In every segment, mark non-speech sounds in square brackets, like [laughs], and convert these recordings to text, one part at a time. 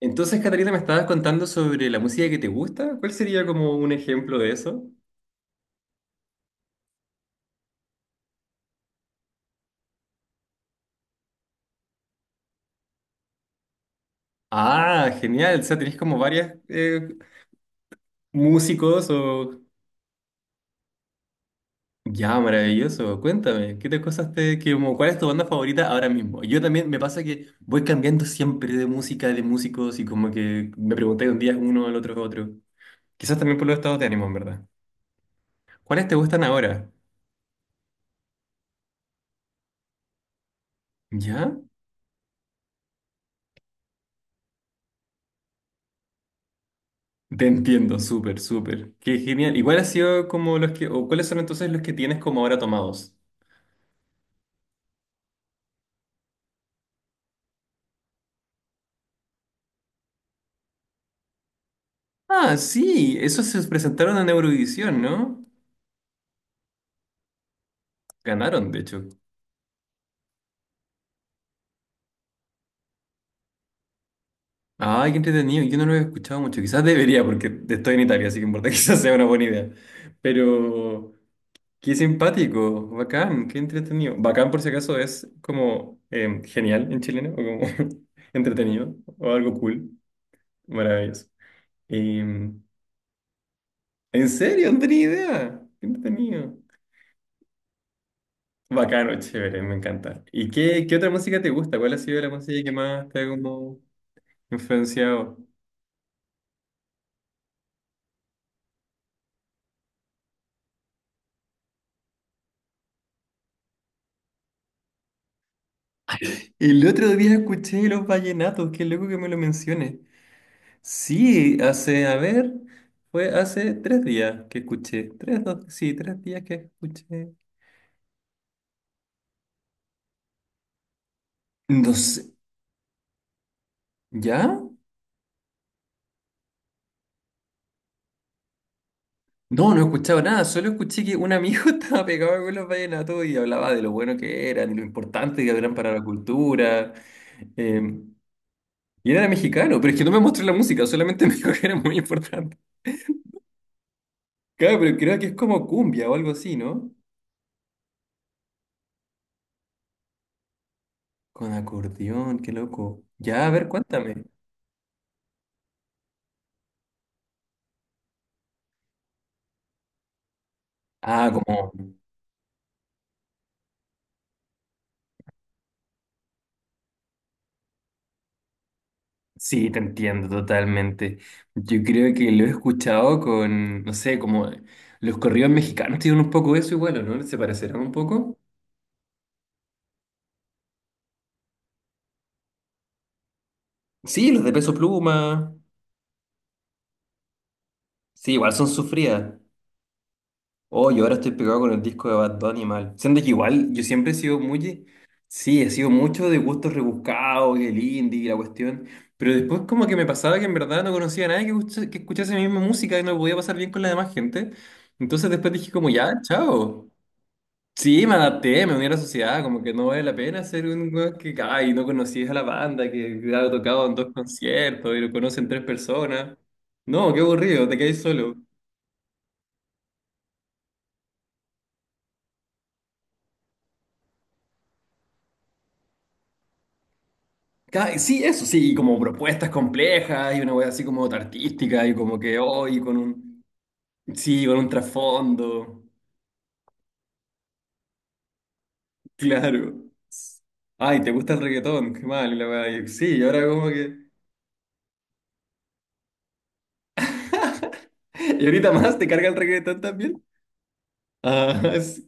Entonces, Catalina, me estabas contando sobre la música que te gusta. ¿Cuál sería como un ejemplo de eso? Ah, genial. O sea, tenés como varias músicos o... Ya, maravilloso. Cuéntame, ¿qué te cosas te, cuál es tu banda favorita ahora mismo? Yo también me pasa que voy cambiando siempre de música, de músicos y como que me pregunté un día uno, al otro, otro. Quizás también por los estados de ánimo, en verdad. ¿Cuáles te gustan ahora? ¿Ya? Te entiendo, súper, súper. Qué genial. ¿Y cuál ha sido como los que, o cuáles son entonces los que tienes como ahora tomados? Ah, sí, esos se presentaron en Eurovisión, ¿no? Ganaron, de hecho. Ay, qué entretenido. Yo no lo he escuchado mucho. Quizás debería, porque estoy en Italia, así que en verdad [laughs] quizás sea una buena idea. Pero qué simpático, bacán, qué entretenido. Bacán, por si acaso, es como genial en chileno, o como [laughs] entretenido, o algo cool, maravilloso. Em, ¿En serio? No tenía idea. Qué entretenido. Bacano, chévere, me encanta. ¿Y qué otra música te gusta? ¿Cuál ha sido la música que más te ha como influenciado? El otro día escuché los vallenatos, qué loco que me lo menciones. Sí, hace, a ver, fue hace 3 días que escuché. Tres, dos, sí, 3 días que escuché. No sé, ¿ya? No, no he escuchado nada, solo escuché que un amigo [laughs] estaba pegado con los vallenatos y hablaba de lo bueno que eran y lo importante que eran para la cultura. Eh, Y él era mexicano, pero es que no me mostró la música, solamente [laughs] me dijo que era muy importante. Claro, pero creo que es como cumbia o algo así, ¿no? Con acordeón, qué loco. Ya, a ver, cuéntame. Ah, como, sí, te entiendo totalmente. Yo creo que lo he escuchado con, no sé, como los corridos mexicanos tienen un poco eso igual, ¿o no? ¿Se parecerán un poco? Sí, los de Peso Pluma. Sí, igual son sufridas. Oh, yo ahora estoy pegado con el disco de Bad Bunny mal. Siendo que igual, yo siempre he sido muy. Sí, he sido mucho de gustos rebuscados, y el indie y la cuestión. Pero después como que me pasaba que en verdad no conocía a nadie que escuchase mi misma música y no lo podía pasar bien con la demás gente. Entonces después dije como, ya, chao. Sí, me adapté, me uní a la sociedad, como que no vale la pena ser un weón que, ay, no conocías a la banda, que ha tocado en dos conciertos y lo conocen tres personas. No, qué aburrido, te quedáis solo. Sí, eso, sí, como propuestas complejas y una wea así como artística y como que hoy con un, sí, con un trasfondo, [laughs] claro. Ay, ¿te gusta el reggaetón? Qué mal, y la wea, y sí, y ahora como que, [laughs] y ahorita más te carga el reggaetón también. Ah, [laughs]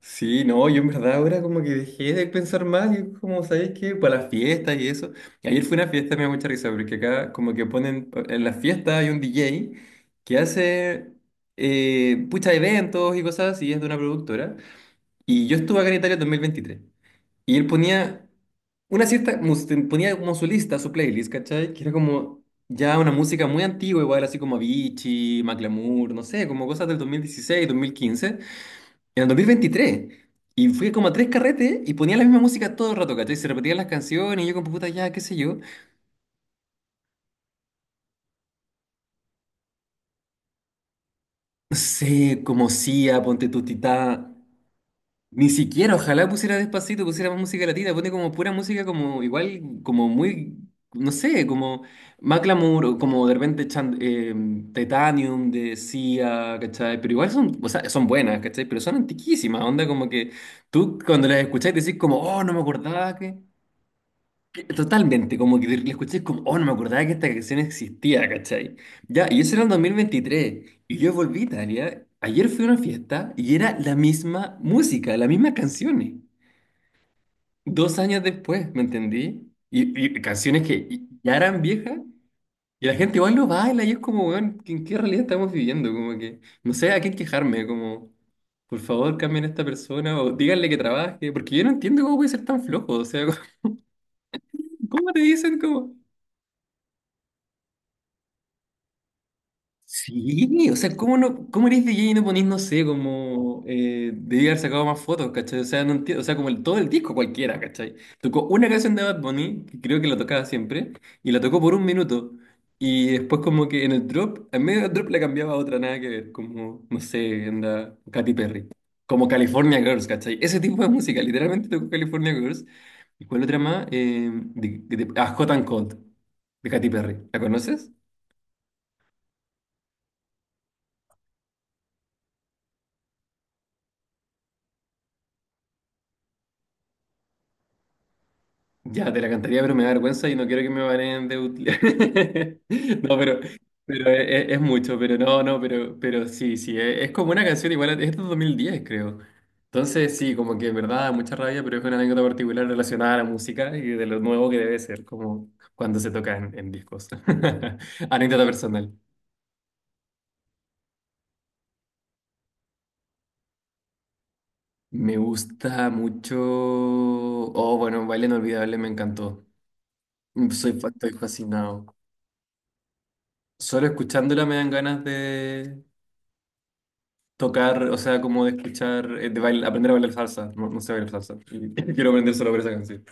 sí, no, yo en verdad ahora como que dejé de pensar más, y como sabes que para las fiestas y eso. Ayer fue una fiesta, me da mucha risa, porque acá como que ponen, en las fiestas hay un DJ que hace pucha eventos y cosas así, es de una productora. Y yo estuve acá en Italia en 2023. Y él ponía como su lista, su playlist, ¿cachai? Que era como ya una música muy antigua, igual así como Avicii, Macklemore, no sé, como cosas del 2016, 2015. En el 2023. Y fui como a tres carretes y ponía la misma música todo el rato, ¿cachai? Se repetían las canciones y yo con puta ya, qué sé yo. No sé, como Sia, ponte tu Titá. Ni siquiera, ojalá pusiera despacito, pusiera más música latina, pone como pura música como igual, como muy, no sé, como Macklemore, o como de repente Titanium de Sia, ¿cachai? Pero igual son, o sea, son buenas, ¿cachai? Pero son antiquísimas, onda como que tú cuando las escuchás decís como, oh, no me acordaba que. Totalmente, como que le escuché es como, oh, no me acordaba que esta canción existía, ¿cachai? Ya, y eso era en 2023, y yo volví a Italia, ayer fui a una fiesta y era la misma música, las mismas canciones, 2 años después, ¿me entendí? Y canciones que ya eran viejas, y la gente igual lo baila, y es como, weón, ¿en qué realidad estamos viviendo? Como que, no sé a quién quejarme, como, por favor, cambien a esta persona, o díganle que trabaje, porque yo no entiendo cómo puede ser tan flojo, o sea, [laughs] ¿cómo te dicen como. Sí, o sea, ¿cómo no, cómo eres DJ y no ponís, no sé, como debí haber sacado más fotos, ¿cachai? O sea, no entiendo, o sea, como el, todo el disco cualquiera, ¿cachai? Tocó una canción de Bad Bunny, que creo que la tocaba siempre, y la tocó por un minuto. Y después como que en el drop, en medio del drop le cambiaba a otra, nada que ver, como, no sé, anda Katy Perry. Como California Girls, ¿cachai? Ese tipo de música, literalmente tocó California Girls. ¿Y cuál otra más? Hot and Cold, de Katy Perry. ¿La conoces? Ya, te la cantaría, pero me da vergüenza y no quiero que me baneen de utilidad. [laughs] No, pero es mucho, pero no, no, pero sí, sí, es como una canción igual, es de 2010 creo. Entonces, sí, como que en verdad da mucha rabia, pero es una anécdota particular relacionada a la música y de lo nuevo que debe ser, como cuando se toca en discos. [laughs] Anécdota personal. Me gusta mucho. Oh, bueno, Baile Inolvidable me encantó. Estoy fascinado. Solo escuchándola me dan ganas de, tocar, o sea, como de escuchar, aprender a bailar salsa. No, no sé bailar salsa. Y [laughs] quiero aprender solo por esa canción.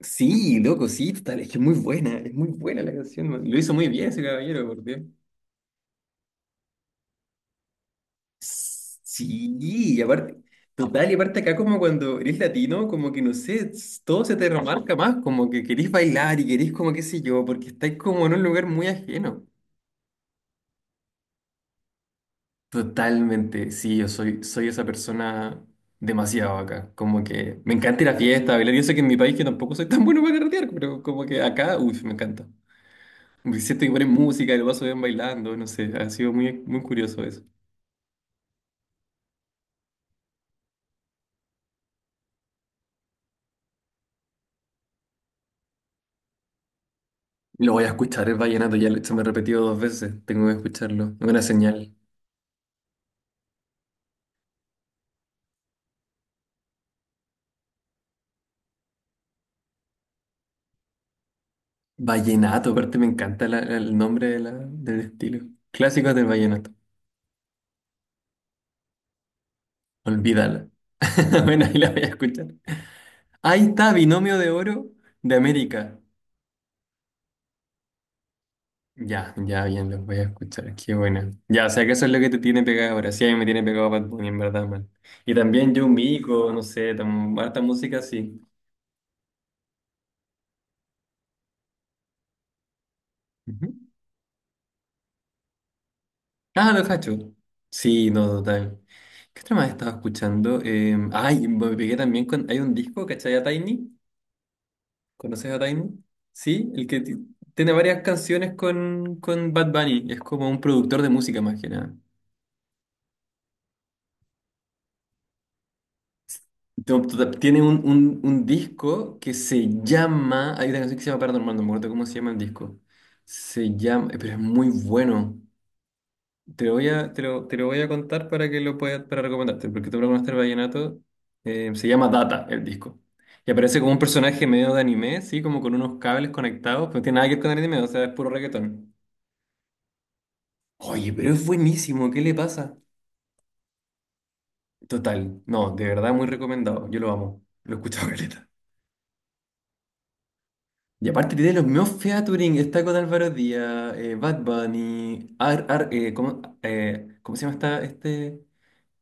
Sí, loco, sí, total, es que es muy buena la canción, man. Lo hizo muy bien ese caballero, por Dios. Sí, y aparte, total, y aparte acá como cuando eres latino, como que no sé, todo se te remarca más, como que querés bailar y querés como qué sé yo, porque estáis como en un lugar muy ajeno. Totalmente, sí, yo soy esa persona demasiado acá. Como que me encanta ir a fiesta, bailar. Yo sé que en mi país que tampoco soy tan bueno para carretear, pero como que acá, uy, me encanta. Me siento que ponen música y lo paso bien bailando, no sé, ha sido muy, muy curioso eso. Lo voy a escuchar, el vallenato, ya se me ha repetido 2 veces, tengo que escucharlo. Es una señal. Vallenato, aparte me encanta el nombre de del estilo. Clásicos del vallenato, olvídala. [laughs] Bueno, ahí la voy a escuchar. Ahí está, Binomio de Oro de América. Ya, ya, bien, los voy a escuchar. Qué buena. Ya, o sea que eso es lo que te tiene pegado ahora. Sí, a mí me tiene pegado Bad Bunny, en verdad, man. Y también John Mico, no sé, harta música, sí. Ujú. Ah, los cachos. Sí, no, total. ¿Qué otra más estaba escuchando? Ay, me pegué también con. Hay un disco, ¿cachai? A Tiny. ¿Conoces a Tiny? Sí, el que tiene varias canciones con Bad Bunny. Es como un productor de música, más que nada. Tiene un disco que se llama. Hay una canción que se llama Paranormal, no me acuerdo cómo se llama el disco. Se llama. Pero es muy bueno. Te lo voy a contar para que lo puedas, para recomendarte, porque tú lo conoces el vallenato. Se llama Data el disco. Y aparece como un personaje medio de anime, sí, como con unos cables conectados, pero no tiene nada que ver con anime, o sea, es puro reggaetón. Oye, pero es buenísimo, ¿qué le pasa? Total, no, de verdad muy recomendado, yo lo amo, lo he escuchado [laughs] caleta. Y aparte tiene los mismos featuring, está con Álvaro Díaz, Bad Bunny, ¿cómo se llama esta, este?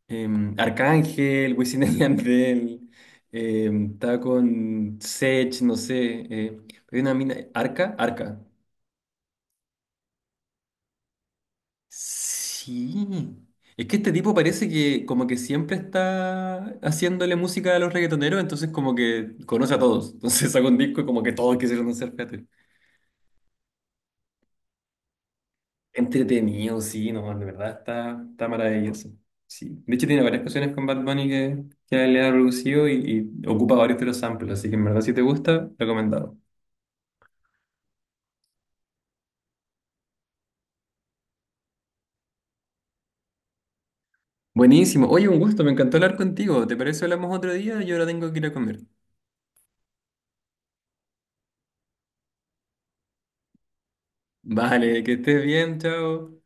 Arcángel, Wisin y Yandel, está con Sech, no sé, hay una mina, Arca, Arca. Sí, es que este tipo parece que como que siempre está haciéndole música a los reggaetoneros, entonces como que conoce a todos, entonces saca un disco y como que todos quisieron hacer featuring. Entretenido, sí, no, de verdad está maravilloso. Sí. De hecho, tiene varias canciones con Bad Bunny que él le ha producido y ocupa varios de los samples, así que en verdad si te gusta, recomendado. Buenísimo. Oye, un gusto, me encantó hablar contigo. ¿Te parece si hablamos otro día? Yo ahora tengo que ir a comer. Vale, que estés bien, chao.